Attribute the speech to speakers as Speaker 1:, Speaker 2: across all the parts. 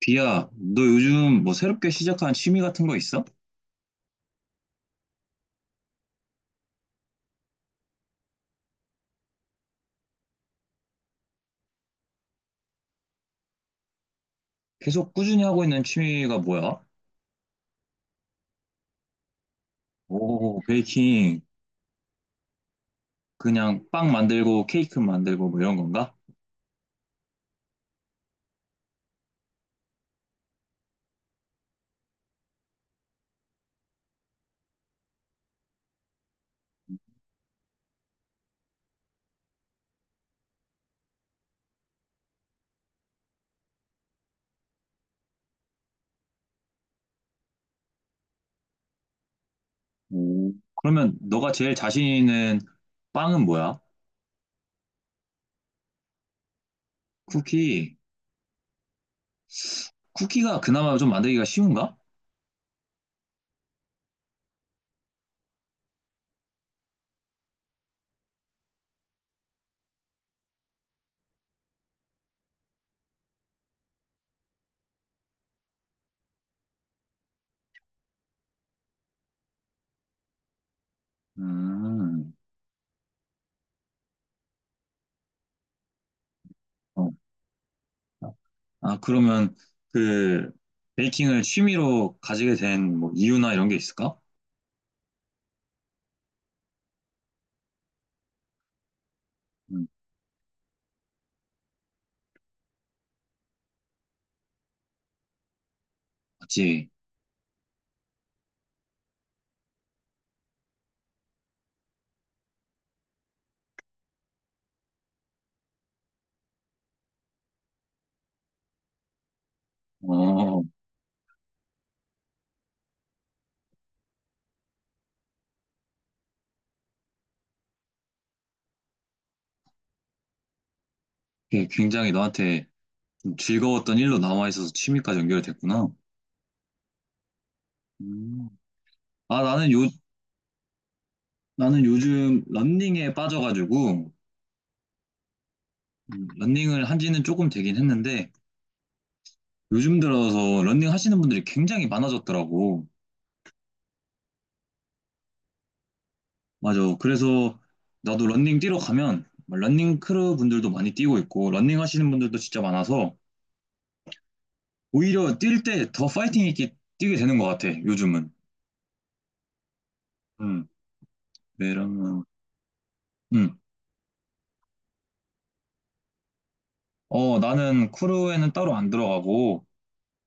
Speaker 1: 비야, 너 요즘 뭐 새롭게 시작한 취미 같은 거 있어? 계속 꾸준히 하고 있는 취미가 뭐야? 오, 베이킹. 그냥 빵 만들고 케이크 만들고 뭐 이런 건가? 오. 그러면 너가 제일 자신 있는 빵은 뭐야? 쿠키. 쿠키가 그나마 좀 만들기가 쉬운가? 음. 어. 아, 그러면 그 베이킹을 취미로 가지게 된 뭐 이유나 이런 게 있을까? 음, 맞지. 어, 그게 굉장히 너한테 즐거웠던 일로 남아있어서 취미까지 연결됐구나. 음, 아, 나는 요즘 런닝에 빠져가지고, 런닝을 한 지는 조금 되긴 했는데, 요즘 들어서 런닝 하시는 분들이 굉장히 많아졌더라고. 맞아. 그래서 나도 런닝 뛰러 가면, 막 런닝 크루 분들도 많이 뛰고 있고, 런닝 하시는 분들도 진짜 많아서, 오히려 뛸 때 더 파이팅 있게 뛰게 되는 것 같아, 요즘은. 음, 왜냐면, 음, 어, 나는 크루에는 따로 안 들어가고,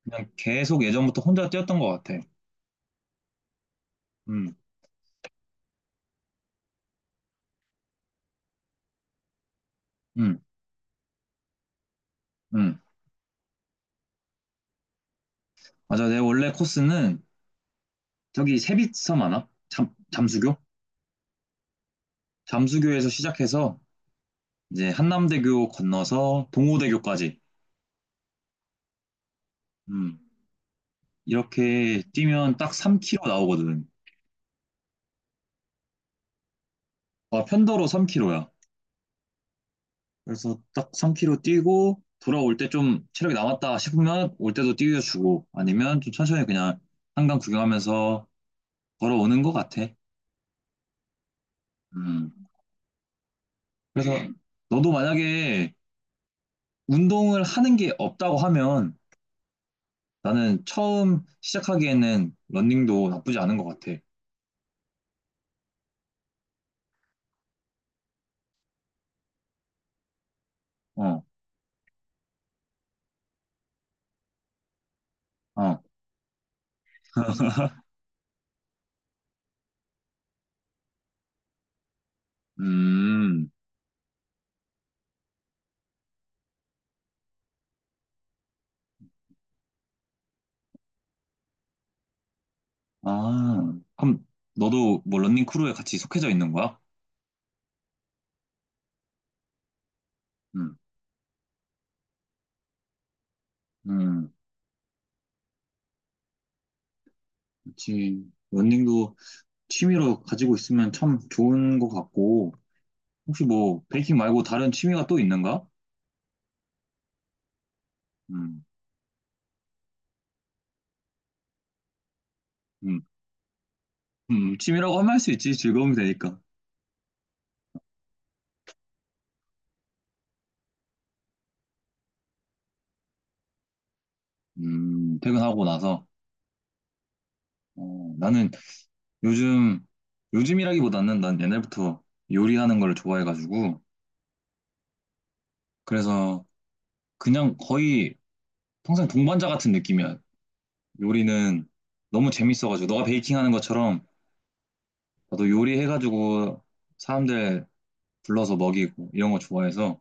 Speaker 1: 그냥 계속 예전부터 혼자 뛰었던 것 같아. 음, 음, 음. 맞아. 내 원래 코스는 저기 세빛섬 아나? 잠수교? 잠수교에서 시작해서 이제 한남대교 건너서 동호대교까지. 음, 이렇게 뛰면 딱 3km 나오거든. 아, 편도로 3km야. 그래서 딱 3km 뛰고 돌아올 때 좀 체력이 남았다 싶으면 올 때도 뛰어주고 아니면 좀 천천히 그냥 한강 구경하면서 걸어오는 것 같아. 음. 그래서 너도 만약에 운동을 하는 게 없다고 하면 나는 처음 시작하기에는 러닝도 나쁘지 않은 것 같아. 어, 어, 음, 아, 그럼 너도 뭐 러닝 크루에 같이 속해져 있는 거야? 음, 음, 그치. 러닝도 취미로 가지고 있으면 참 좋은 것 같고, 혹시 뭐 베이킹 말고 다른 취미가 또 있는가? 음, 음, 취미라고 하면 할 수 있지. 즐거움이 되니까. 퇴근하고 나서. 어, 나는 요즘, 요즘이라기보다는 난 옛날부터 요리하는 걸 좋아해가지고, 그래서 그냥 거의 평생 동반자 같은 느낌이야. 요리는 너무 재밌어가지고, 너가 베이킹하는 것처럼 나도 요리해가지고 사람들 불러서 먹이고 이런 거 좋아해서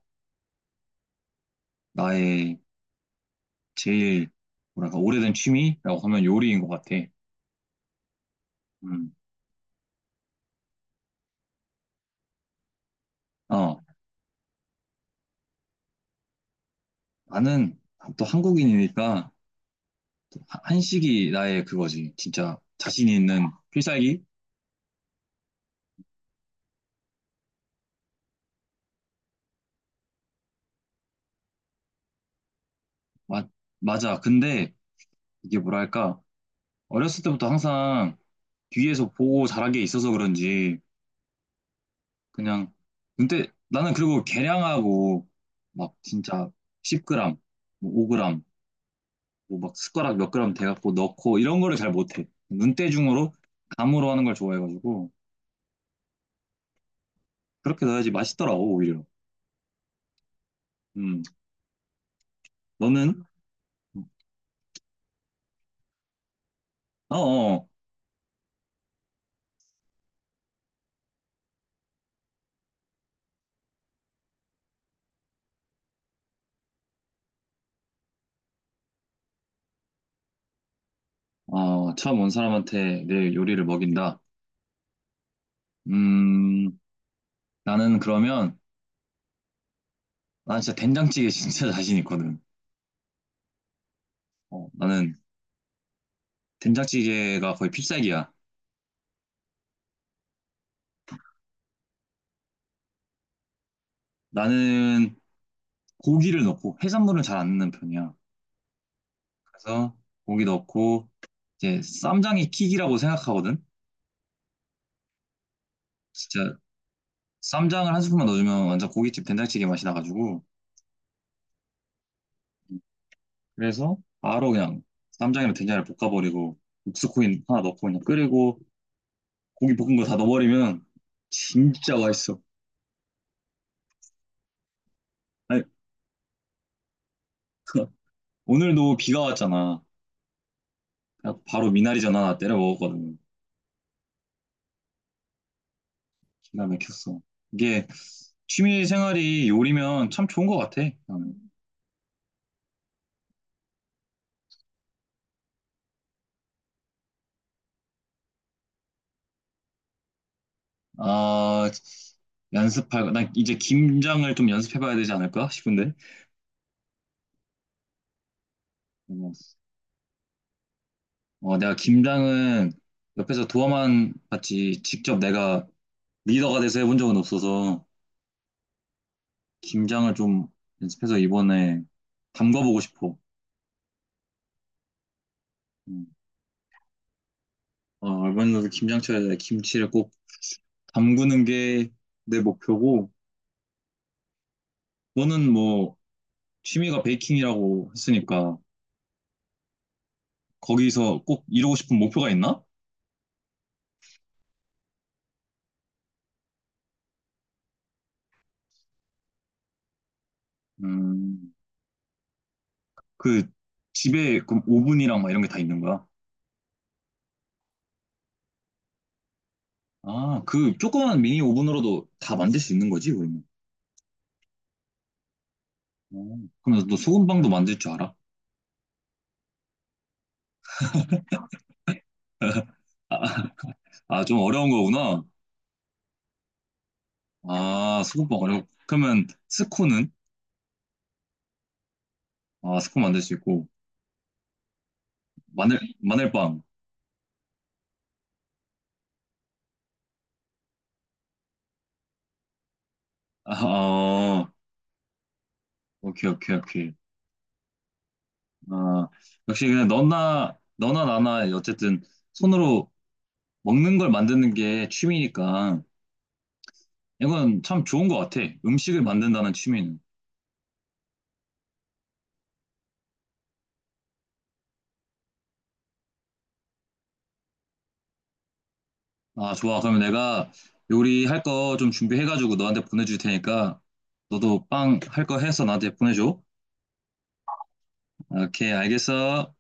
Speaker 1: 나의 제일 뭐랄까 오래된 취미라고 하면 요리인 것 같아. 음. 어, 나는 또 한국인이니까 한식이 나의 그거지. 진짜 자신 있는 필살기? 맞- 맞아. 근데 이게 뭐랄까, 어렸을 때부터 항상 뒤에서 보고 자란 게 있어서 그런지, 그냥, 근데 나는 그리고 계량하고, 막 진짜 10g, 뭐 5g, 뭐막 숟가락 몇 g 돼갖고 넣고 이런 거를 잘 못해. 눈대중으로, 감으로 하는 걸 좋아해가지고, 그렇게 넣어야지 맛있더라고, 오히려. 음, 너는? 어어, 어, 처음 온 사람한테 내 요리를 먹인다. 음, 나는 그러면, 난 진짜 된장찌개 진짜 자신 있거든. 어, 나는 된장찌개가 거의 필살기야. 나는 고기를 넣고 해산물은 잘 안 넣는 편이야. 그래서 고기 넣고 이제 쌈장이 킥이라고 생각하거든. 진짜 쌈장을 한 스푼만 넣어주면 완전 고깃집 된장찌개 맛이 나가지고 그래서 바로 그냥 쌈장이랑 된장을 볶아버리고 육수코인 하나 넣고 그냥 끓이고 고기 볶은 거 다 넣어버리면 진짜 맛있어. 아니, 오늘도 비가 왔잖아. 그래갖고 바로 미나리 전 하나 때려 먹었거든. 기가 막혔어. 이게 취미 생활이 요리면 참 좋은 것 같아. 나는. 아, 나 이제 김장을 좀 연습해봐야 되지 않을까 싶은데. 어, 어, 내가 김장은 옆에서 도와만 봤지, 직접 내가 리더가 돼서 해본 적은 없어서, 김장을 좀 연습해서 이번에 담가보고 싶어. 음. 어, 이번에도 김장철에 김치를 꼭 담그는 게 내 목표고, 너는 뭐, 취미가 베이킹이라고 했으니까, 거기서 꼭 이루고 싶은 목표가 있나? 음, 그 집에 그 오븐이랑 막 이런 게 다 있는 거야. 아, 그 조그만 미니 오븐으로도 다 만들 수 있는 거지, 그러면. 음. 그럼 너 소금빵도 만들 줄 알아? 아, 아, 좀 어려운 거구나. 아, 소금빵 어려워. 그러면 스콘은? 아, 스콘 만들 수 있고. 마늘빵. 아, 어, 오케이, 오케이, 오케이. 아, 역시 그냥 너나 나나, 어쨌든 손으로 먹는 걸 만드는 게 취미니까 이건 참 좋은 것 같아. 음식을 만든다는 취미는. 아, 좋아. 그러면 내가 요리할 거 좀 준비해가지고 너한테 보내줄 테니까 너도 빵 할 거 해서 나한테 보내줘. 오케이, 알겠어.